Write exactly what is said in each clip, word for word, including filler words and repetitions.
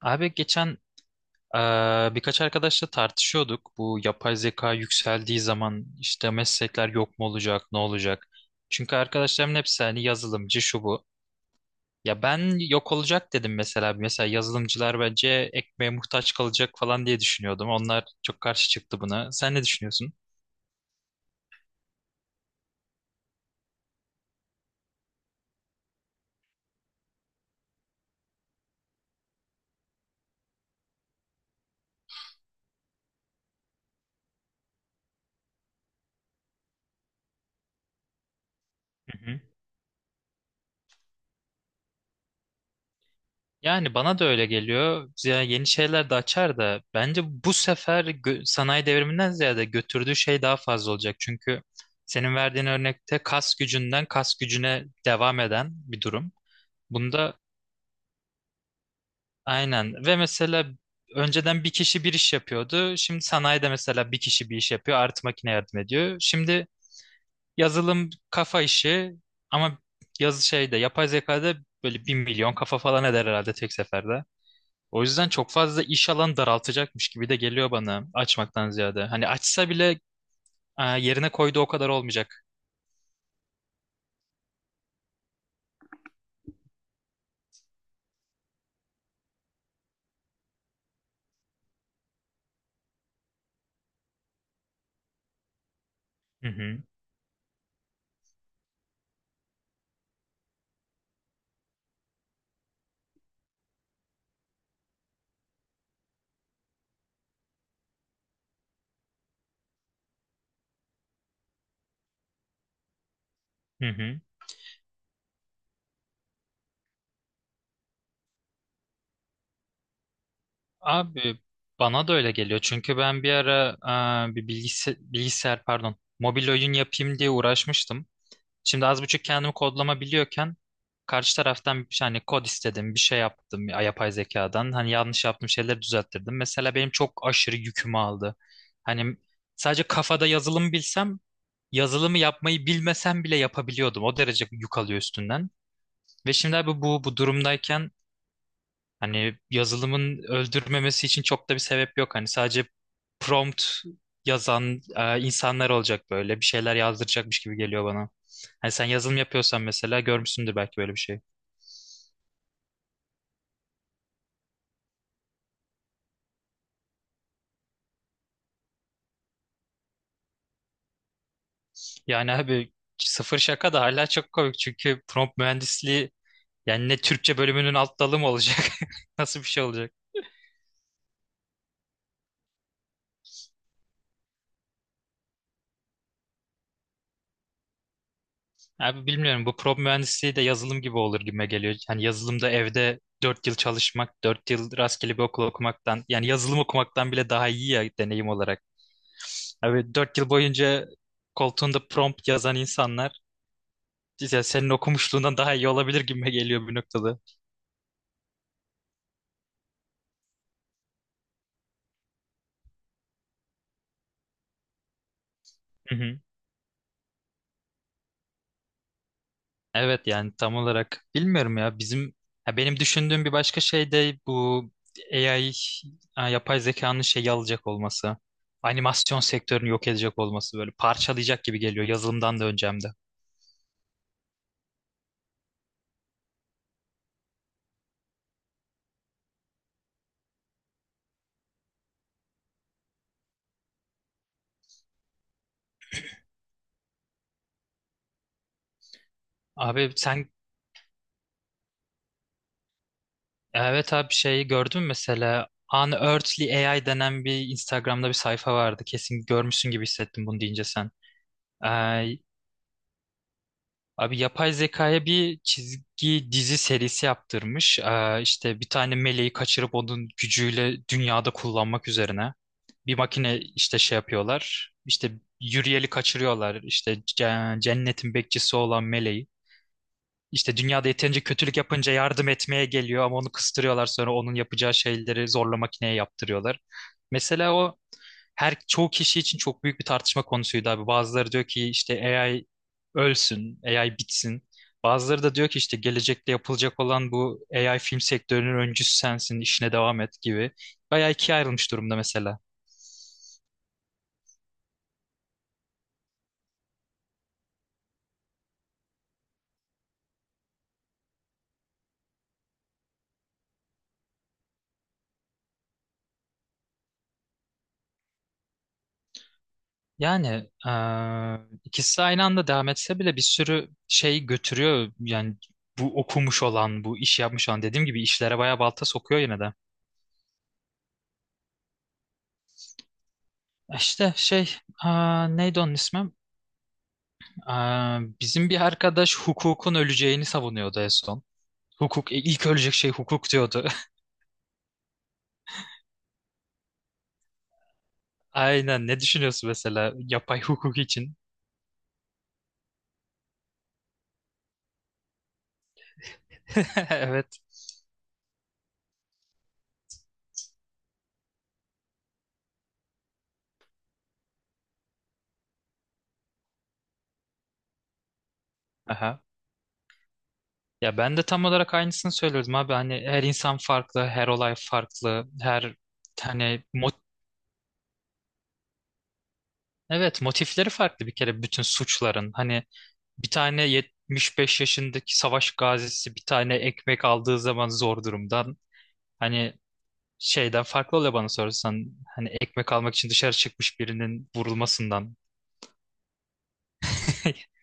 Abi geçen eee, birkaç arkadaşla tartışıyorduk. Bu yapay zeka yükseldiği zaman işte meslekler yok mu olacak, ne olacak? Çünkü arkadaşlarımın hepsi hani yazılımcı şu bu. Ya ben yok olacak dedim mesela. Mesela yazılımcılar bence ekmeğe muhtaç kalacak falan diye düşünüyordum. Onlar çok karşı çıktı buna. Sen ne düşünüyorsun? Yani bana da öyle geliyor. Ya yeni şeyler de açar da bence bu sefer gö- sanayi devriminden ziyade götürdüğü şey daha fazla olacak. Çünkü senin verdiğin örnekte kas gücünden kas gücüne devam eden bir durum. Bunda aynen ve mesela önceden bir kişi bir iş yapıyordu. Şimdi sanayide mesela bir kişi bir iş yapıyor, artı makine yardım ediyor. Şimdi yazılım kafa işi ama yazı şeyde yapay zekada böyle bir milyon kafa falan eder herhalde tek seferde. O yüzden çok fazla iş alanı daraltacakmış gibi de geliyor bana açmaktan ziyade. Hani açsa bile e, yerine koyduğu o kadar olmayacak. Hı hı, hı hı. Abi bana da öyle geliyor. Çünkü ben bir ara e, bir bilgisayar, bilgisayar pardon mobil oyun yapayım diye uğraşmıştım. Şimdi az buçuk kendimi kodlama biliyorken karşı taraftan bir şey- hani kod istedim, bir şey yaptım ya- yapay zekadan. Hani yanlış yaptığım şeyleri düzelttirdim. Mesela benim çok aşırı yükümü aldı. Hani sadece kafada yazılımı bilsem, yazılımı yapmayı bilmesem bile yapabiliyordum. O derece yük alıyor üstünden. Ve şimdi abi bu bu durumdayken hani yazılımın öldürmemesi için çok da bir sebep yok. Hani sadece prompt yazan e, insanlar olacak böyle. Bir şeyler yazdıracakmış gibi geliyor bana. Hani sen yazılım yapıyorsan mesela görmüşsündür belki böyle bir şey. Yani abi sıfır şaka da hala çok komik. Çünkü prompt mühendisliği yani ne Türkçe bölümünün alt dalı mı olacak? Nasıl bir şey olacak? Abi bilmiyorum, bu prop mühendisliği de yazılım gibi olur gibime geliyor. Yani yazılımda evde dört yıl çalışmak, dört yıl rastgele bir okul okumaktan yani yazılım okumaktan bile daha iyi ya deneyim olarak. Abi dört yıl boyunca koltuğunda prompt yazan insanlar işte senin okumuşluğundan daha iyi olabilir gibime geliyor bir noktada. Hı hı. Evet, yani tam olarak bilmiyorum ya bizim, ya benim düşündüğüm bir başka şey de bu A I, ha, yapay zekanın şeyi alacak olması. Animasyon sektörünü yok edecek olması böyle parçalayacak gibi geliyor yazılımdan da önce hem de. Abi sen, evet abi şeyi gördün mü mesela, Unearthly A I denen bir Instagram'da bir sayfa vardı. Kesin görmüşsün gibi hissettim bunu deyince sen. Ee, Abi yapay zekaya bir çizgi dizi serisi yaptırmış. Ee, işte bir tane meleği kaçırıp onun gücüyle dünyada kullanmak üzerine. Bir makine işte şey yapıyorlar. İşte yürüyeli kaçırıyorlar. İşte ce- cennetin bekçisi olan meleği. İşte dünyada yeterince kötülük yapınca yardım etmeye geliyor ama onu kıstırıyorlar, sonra onun yapacağı şeyleri zorla makineye yaptırıyorlar. Mesela o her çoğu kişi için çok büyük bir tartışma konusuydu abi. Bazıları diyor ki işte A I ölsün, A I bitsin. Bazıları da diyor ki işte gelecekte yapılacak olan bu A I film sektörünün öncüsü sensin, işine devam et gibi. Bayağı ikiye ayrılmış durumda mesela. Yani eee ikisi aynı anda devam etse bile bir sürü şey götürüyor. Yani bu okumuş olan, bu iş yapmış olan, dediğim gibi işlere bayağı balta sokuyor yine de. İşte şey, eee, neydi onun ismi? Eee, bizim bir arkadaş hukukun öleceğini savunuyordu en son. Hukuk, e, ilk ölecek şey hukuk diyordu. Aynen, ne düşünüyorsun mesela yapay hukuk için? Evet. Aha. Ya ben de tam olarak aynısını söylüyordum abi. Hani her insan farklı, her olay farklı, her hani evet, motifleri farklı bir kere bütün suçların. Hani bir tane yetmiş beş yaşındaki savaş gazisi bir tane ekmek aldığı zaman zor durumdan. Hani şeyden farklı oluyor bana sorarsan. Hani ekmek almak için dışarı çıkmış birinin vurulmasından.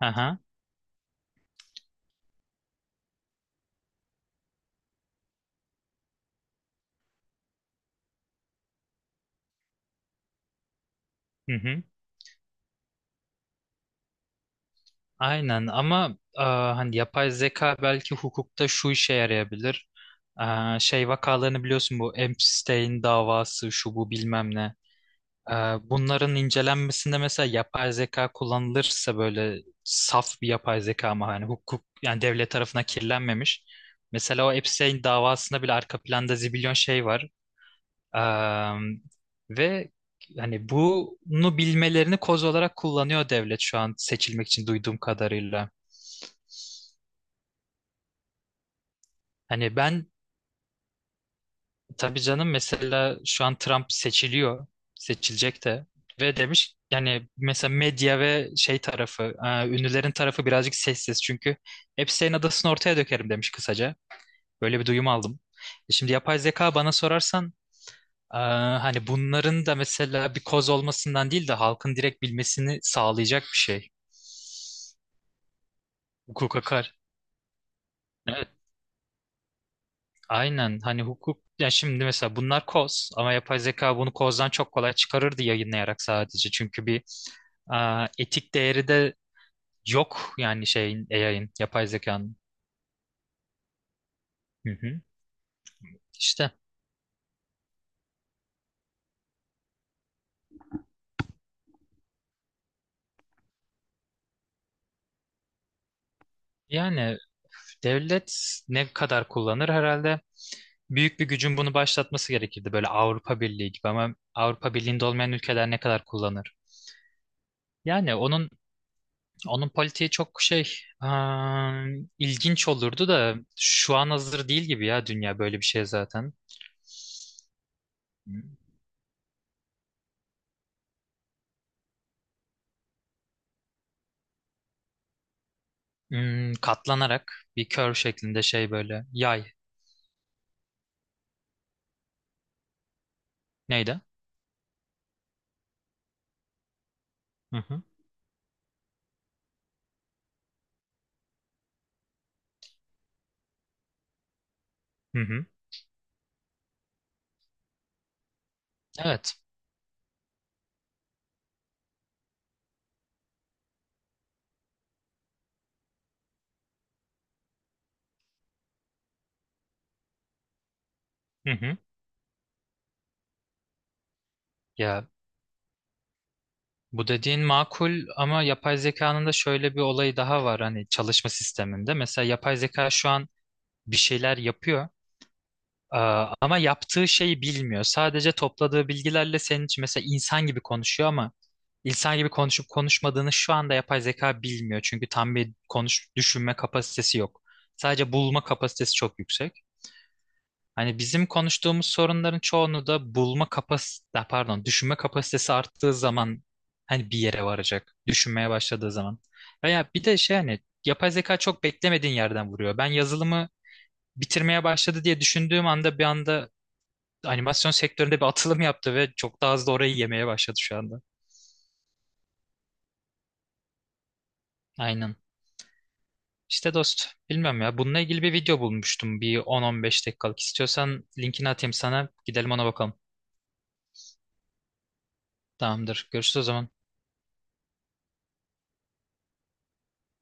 Aha, hı hı. Aynen ama aa, hani yapay zeka belki hukukta şu işe yarayabilir. Aa, şey vakalarını biliyorsun, bu Epstein davası şu bu bilmem ne. Ee, Bunların incelenmesinde mesela yapay zeka kullanılırsa, böyle saf bir yapay zeka ama hani hukuk yani devlet tarafına kirlenmemiş. Mesela o Epstein davasında bile arka planda zibilyon şey var. Ee, ve hani bunu bilmelerini koz olarak kullanıyor devlet şu an seçilmek için, duyduğum kadarıyla. Hani ben, tabii canım mesela şu an Trump seçiliyor. Seçilecek de. Ve demiş yani mesela medya ve şey tarafı, e, ünlülerin tarafı birazcık sessiz. Çünkü hepsi, senin adasını ortaya dökerim demiş kısaca. Böyle bir duyum aldım. E şimdi yapay zeka bana sorarsan, e, hani bunların da mesela bir koz olmasından değil de halkın direkt bilmesini sağlayacak bir şey. Hukuka kar. Aynen, hani hukuk, ya şimdi mesela bunlar koz ama yapay zeka bunu kozdan çok kolay çıkarırdı, yayınlayarak sadece. Çünkü bir aa, etik değeri de yok yani şeyin, A I'ın, yapay zekanın. Hı hı. İşte, yani devlet ne kadar kullanır herhalde, büyük bir gücün bunu başlatması gerekirdi böyle Avrupa Birliği gibi, ama Avrupa Birliği'nde olmayan ülkeler ne kadar kullanır? Yani onun, onun politiği çok şey, ıı, ilginç olurdu da şu an hazır değil gibi ya, dünya böyle bir şey zaten. Hmm, katlanarak bir kör şeklinde şey böyle yay, neydi? Hı hı. Hı hı. Evet. Hı hı. Ya bu dediğin makul ama yapay zekanın da şöyle bir olayı daha var hani çalışma sisteminde. Mesela yapay zeka şu an bir şeyler yapıyor aa, ama yaptığı şeyi bilmiyor. Sadece topladığı bilgilerle senin için mesela insan gibi konuşuyor ama İnsan gibi konuşup konuşmadığını şu anda yapay zeka bilmiyor. Çünkü tam bir konuş, düşünme kapasitesi yok. Sadece bulma kapasitesi çok yüksek. Hani bizim konuştuğumuz sorunların çoğunu da bulma kapasitesi, pardon, düşünme kapasitesi arttığı zaman, hani bir yere varacak. Düşünmeye başladığı zaman. Veya bir de şey, hani yapay zeka çok beklemediğin yerden vuruyor. Ben yazılımı bitirmeye başladı diye düşündüğüm anda, bir anda animasyon sektöründe bir atılım yaptı ve çok daha hızlı orayı yemeye başladı şu anda. Aynen. İşte dost, bilmiyorum ya. Bununla ilgili bir video bulmuştum. Bir on on beş dakikalık. İstiyorsan linkini atayım sana, gidelim ona bakalım. Tamamdır. Görüşürüz o zaman.